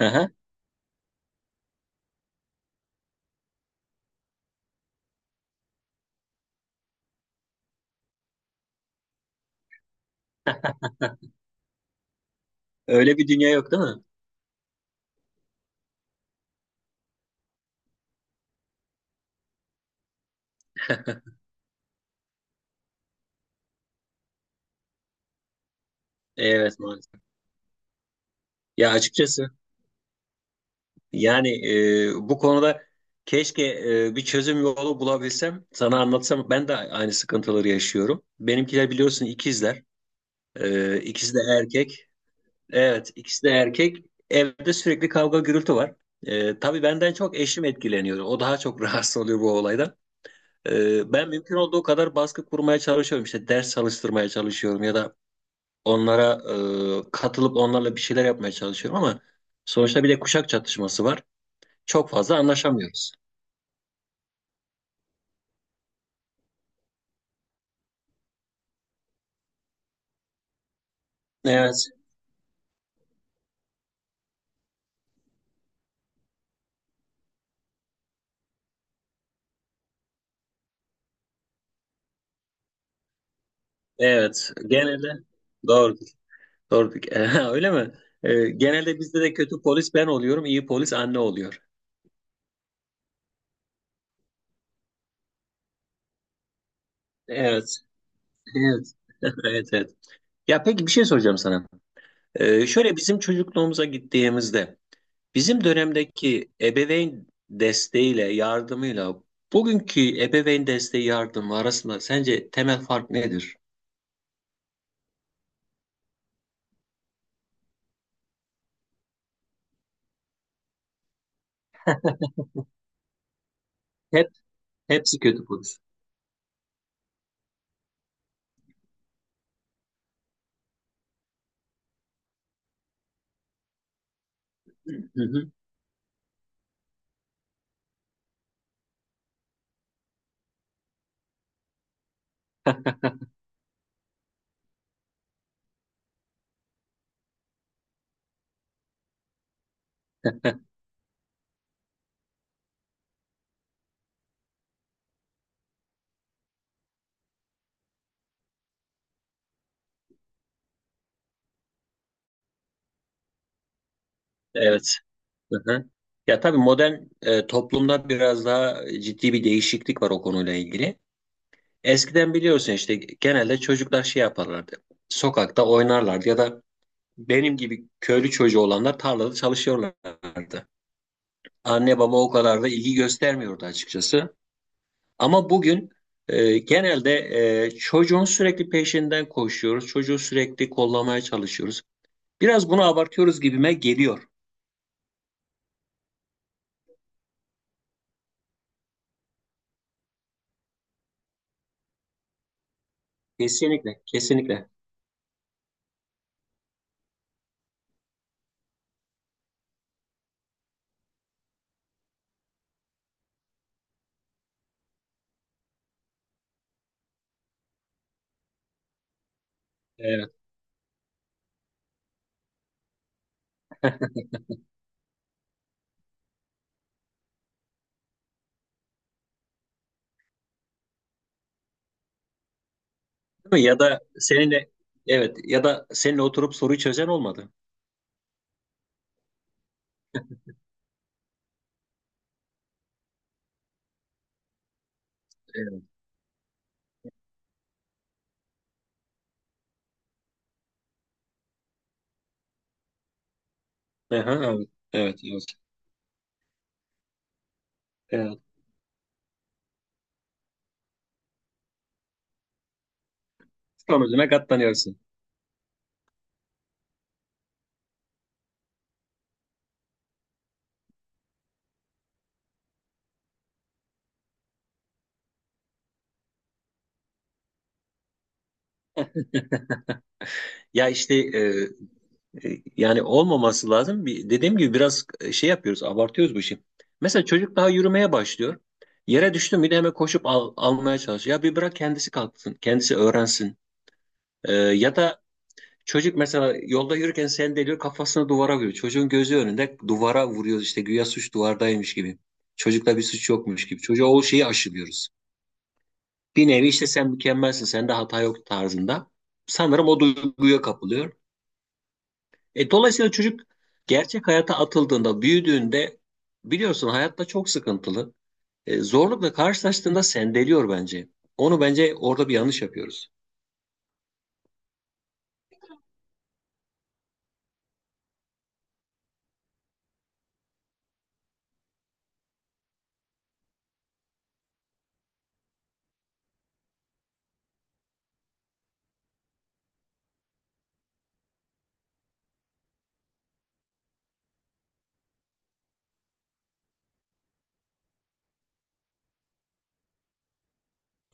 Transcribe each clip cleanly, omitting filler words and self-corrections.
Aha, öyle bir dünya yok, değil mi? Evet, maalesef. Ya, açıkçası, yani, bu konuda keşke bir çözüm yolu bulabilsem sana anlatsam, ben de aynı sıkıntıları yaşıyorum. Benimkiler biliyorsun, ikizler. İkisi de erkek. Evet, ikisi de erkek. Evde sürekli kavga gürültü var. Tabii benden çok eşim etkileniyor. O daha çok rahatsız oluyor bu olaydan. Ben mümkün olduğu kadar baskı kurmaya çalışıyorum. İşte ders çalıştırmaya çalışıyorum, ya da onlara katılıp onlarla bir şeyler yapmaya çalışıyorum, ama sonuçta bir de kuşak çatışması var. Çok fazla anlaşamıyoruz. Evet, evet. Genelde doğrudur, doğrudur. Ha, öyle mi? Genelde bizde de kötü polis ben oluyorum, iyi polis anne oluyor. Evet, evet. Evet, evet. Ya, peki, bir şey soracağım sana. Şöyle, bizim çocukluğumuza gittiğimizde, bizim dönemdeki ebeveyn desteğiyle, yardımıyla bugünkü ebeveyn desteği yardımı arasında sence temel fark nedir? Hep hepsi kötü polis. Hı hı. Evet. Hı hı. Ya, tabii modern toplumda biraz daha ciddi bir değişiklik var o konuyla ilgili. Eskiden biliyorsun, işte genelde çocuklar şey yaparlardı. Sokakta oynarlardı, ya da benim gibi köylü çocuğu olanlar tarlada çalışıyorlardı. Anne baba o kadar da ilgi göstermiyordu açıkçası. Ama bugün genelde çocuğun sürekli peşinden koşuyoruz. Çocuğu sürekli kollamaya çalışıyoruz. Biraz bunu abartıyoruz gibime geliyor. Kesinlikle, kesinlikle. Evet. Değil mi? Ya da seninle Evet, ya da seninle oturup soruyu çözen olmadı. Evet. Aha, evet. Evet. Evet. Evet. Sonucuna katlanıyorsun. Ya işte, yani olmaması lazım. Bir, dediğim gibi biraz şey yapıyoruz, abartıyoruz bu işi. Mesela çocuk daha yürümeye başlıyor. Yere düştü mü de hemen koşup almaya çalışıyor. Ya, bir bırak kendisi kalksın, kendisi öğrensin. Ya da çocuk mesela yolda yürürken sendeliyor, kafasını duvara vuruyor. Çocuğun gözü önünde duvara vuruyoruz, işte güya suç duvardaymış gibi. Çocukta bir suç yokmuş gibi. Çocuğa o şeyi aşılıyoruz. Bir nevi işte, sen mükemmelsin, sende hata yok tarzında. Sanırım o duyguya kapılıyor. Dolayısıyla çocuk gerçek hayata atıldığında, büyüdüğünde, biliyorsun hayatta çok sıkıntılı. Zorlukla karşılaştığında sendeliyor bence. Onu bence orada bir yanlış yapıyoruz.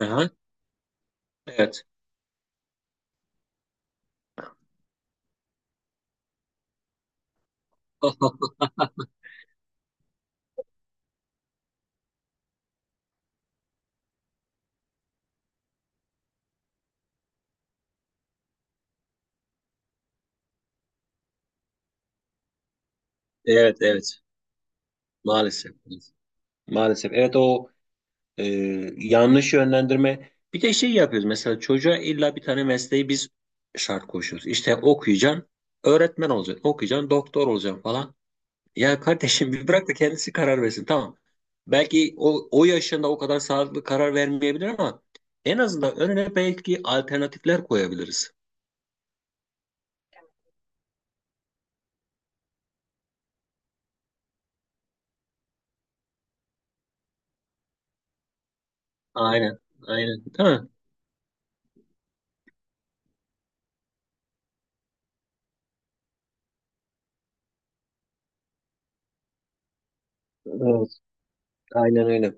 Aha, evet. Evet, evet. Maalesef. Maalesef. Evet, o e, yanlış yönlendirme. Bir de şey yapıyoruz. Mesela çocuğa illa bir tane mesleği biz şart koşuyoruz. İşte okuyacaksın, öğretmen olacaksın, okuyacaksın, doktor olacaksın falan. Ya kardeşim, bir bırak da kendisi karar versin tamam. Belki o, o yaşında o kadar sağlıklı karar vermeyebilir, ama en azından önüne belki alternatifler koyabiliriz. Aynen, aynen. Değil mi? Evet, aynen öyle.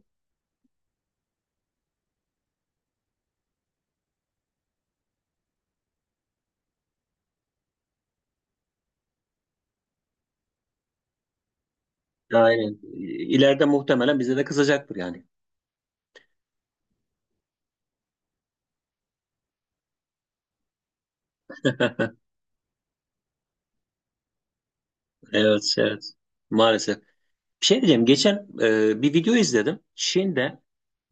Aynen. İleride muhtemelen bize de kızacaktır yani. Evet, evet. Maalesef. Bir şey diyeceğim. Geçen bir video izledim. Çin'de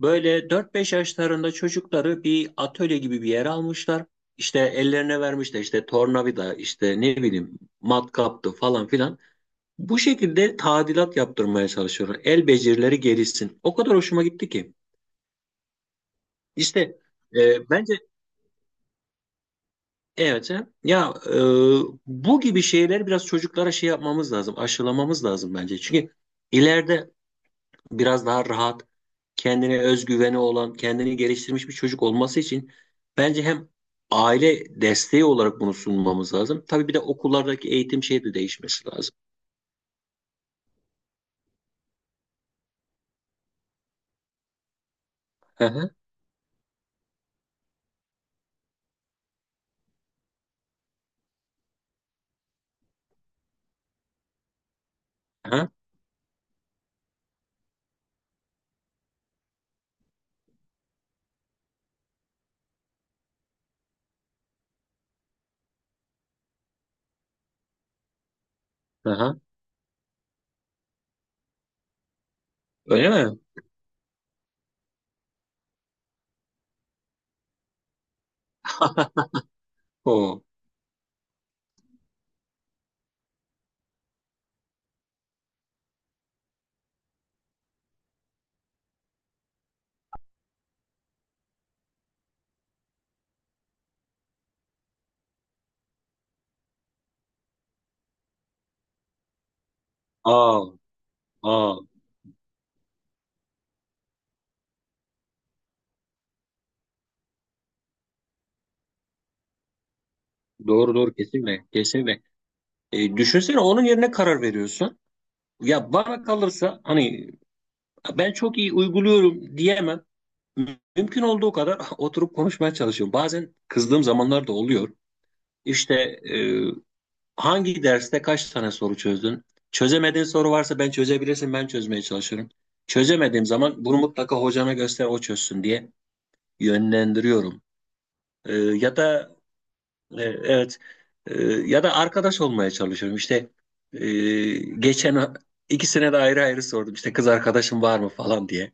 böyle dört beş yaşlarında çocukları bir atölye gibi bir yere almışlar. İşte ellerine vermişler, işte tornavida, işte ne bileyim matkaptı falan filan. Bu şekilde tadilat yaptırmaya çalışıyorlar. El becerileri gelişsin. O kadar hoşuma gitti ki. İşte, bence evet, he. Ya, bu gibi şeyler biraz çocuklara şey yapmamız lazım. Aşılamamız lazım bence. Çünkü ileride biraz daha rahat, kendine özgüveni olan, kendini geliştirmiş bir çocuk olması için bence hem aile desteği olarak bunu sunmamız lazım. Tabii bir de okullardaki eğitim şeyi de değişmesi lazım. Hı hı, hı hı, hı. Öyle mi? O. Aa, aa. Doğru, doğru, kesinlikle. Kesinlikle. Düşünsene, onun yerine karar veriyorsun. Ya bana kalırsa, hani ben çok iyi uyguluyorum diyemem. Mümkün olduğu kadar oturup konuşmaya çalışıyorum. Bazen kızdığım zamanlar da oluyor. İşte, e, hangi derste kaç tane soru çözdün? Çözemediğin soru varsa ben çözebilirsin, ben çözmeye çalışıyorum. Çözemediğim zaman bunu mutlaka hocana göster, o çözsün diye yönlendiriyorum. Ya da evet, ya da arkadaş olmaya çalışıyorum. İşte e, geçen ikisine de ayrı ayrı sordum. İşte kız arkadaşım var mı falan diye.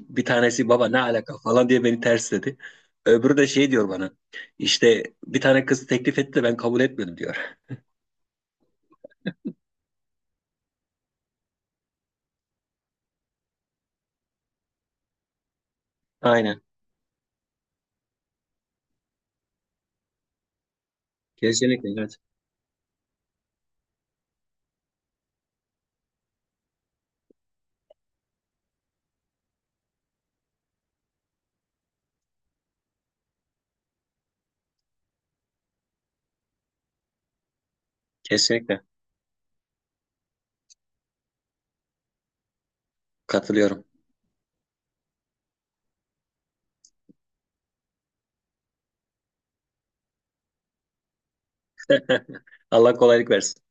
Bir tanesi baba ne alaka falan diye beni tersledi. Öbürü de şey diyor bana. İşte bir tane kız teklif etti de ben kabul etmedim diyor. Aynen. Kesinlikle, evet. Kesinlikle. Katılıyorum. Allah kolaylık versin.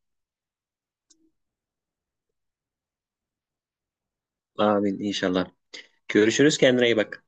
Amin inşallah. Görüşürüz. Kendine iyi bak.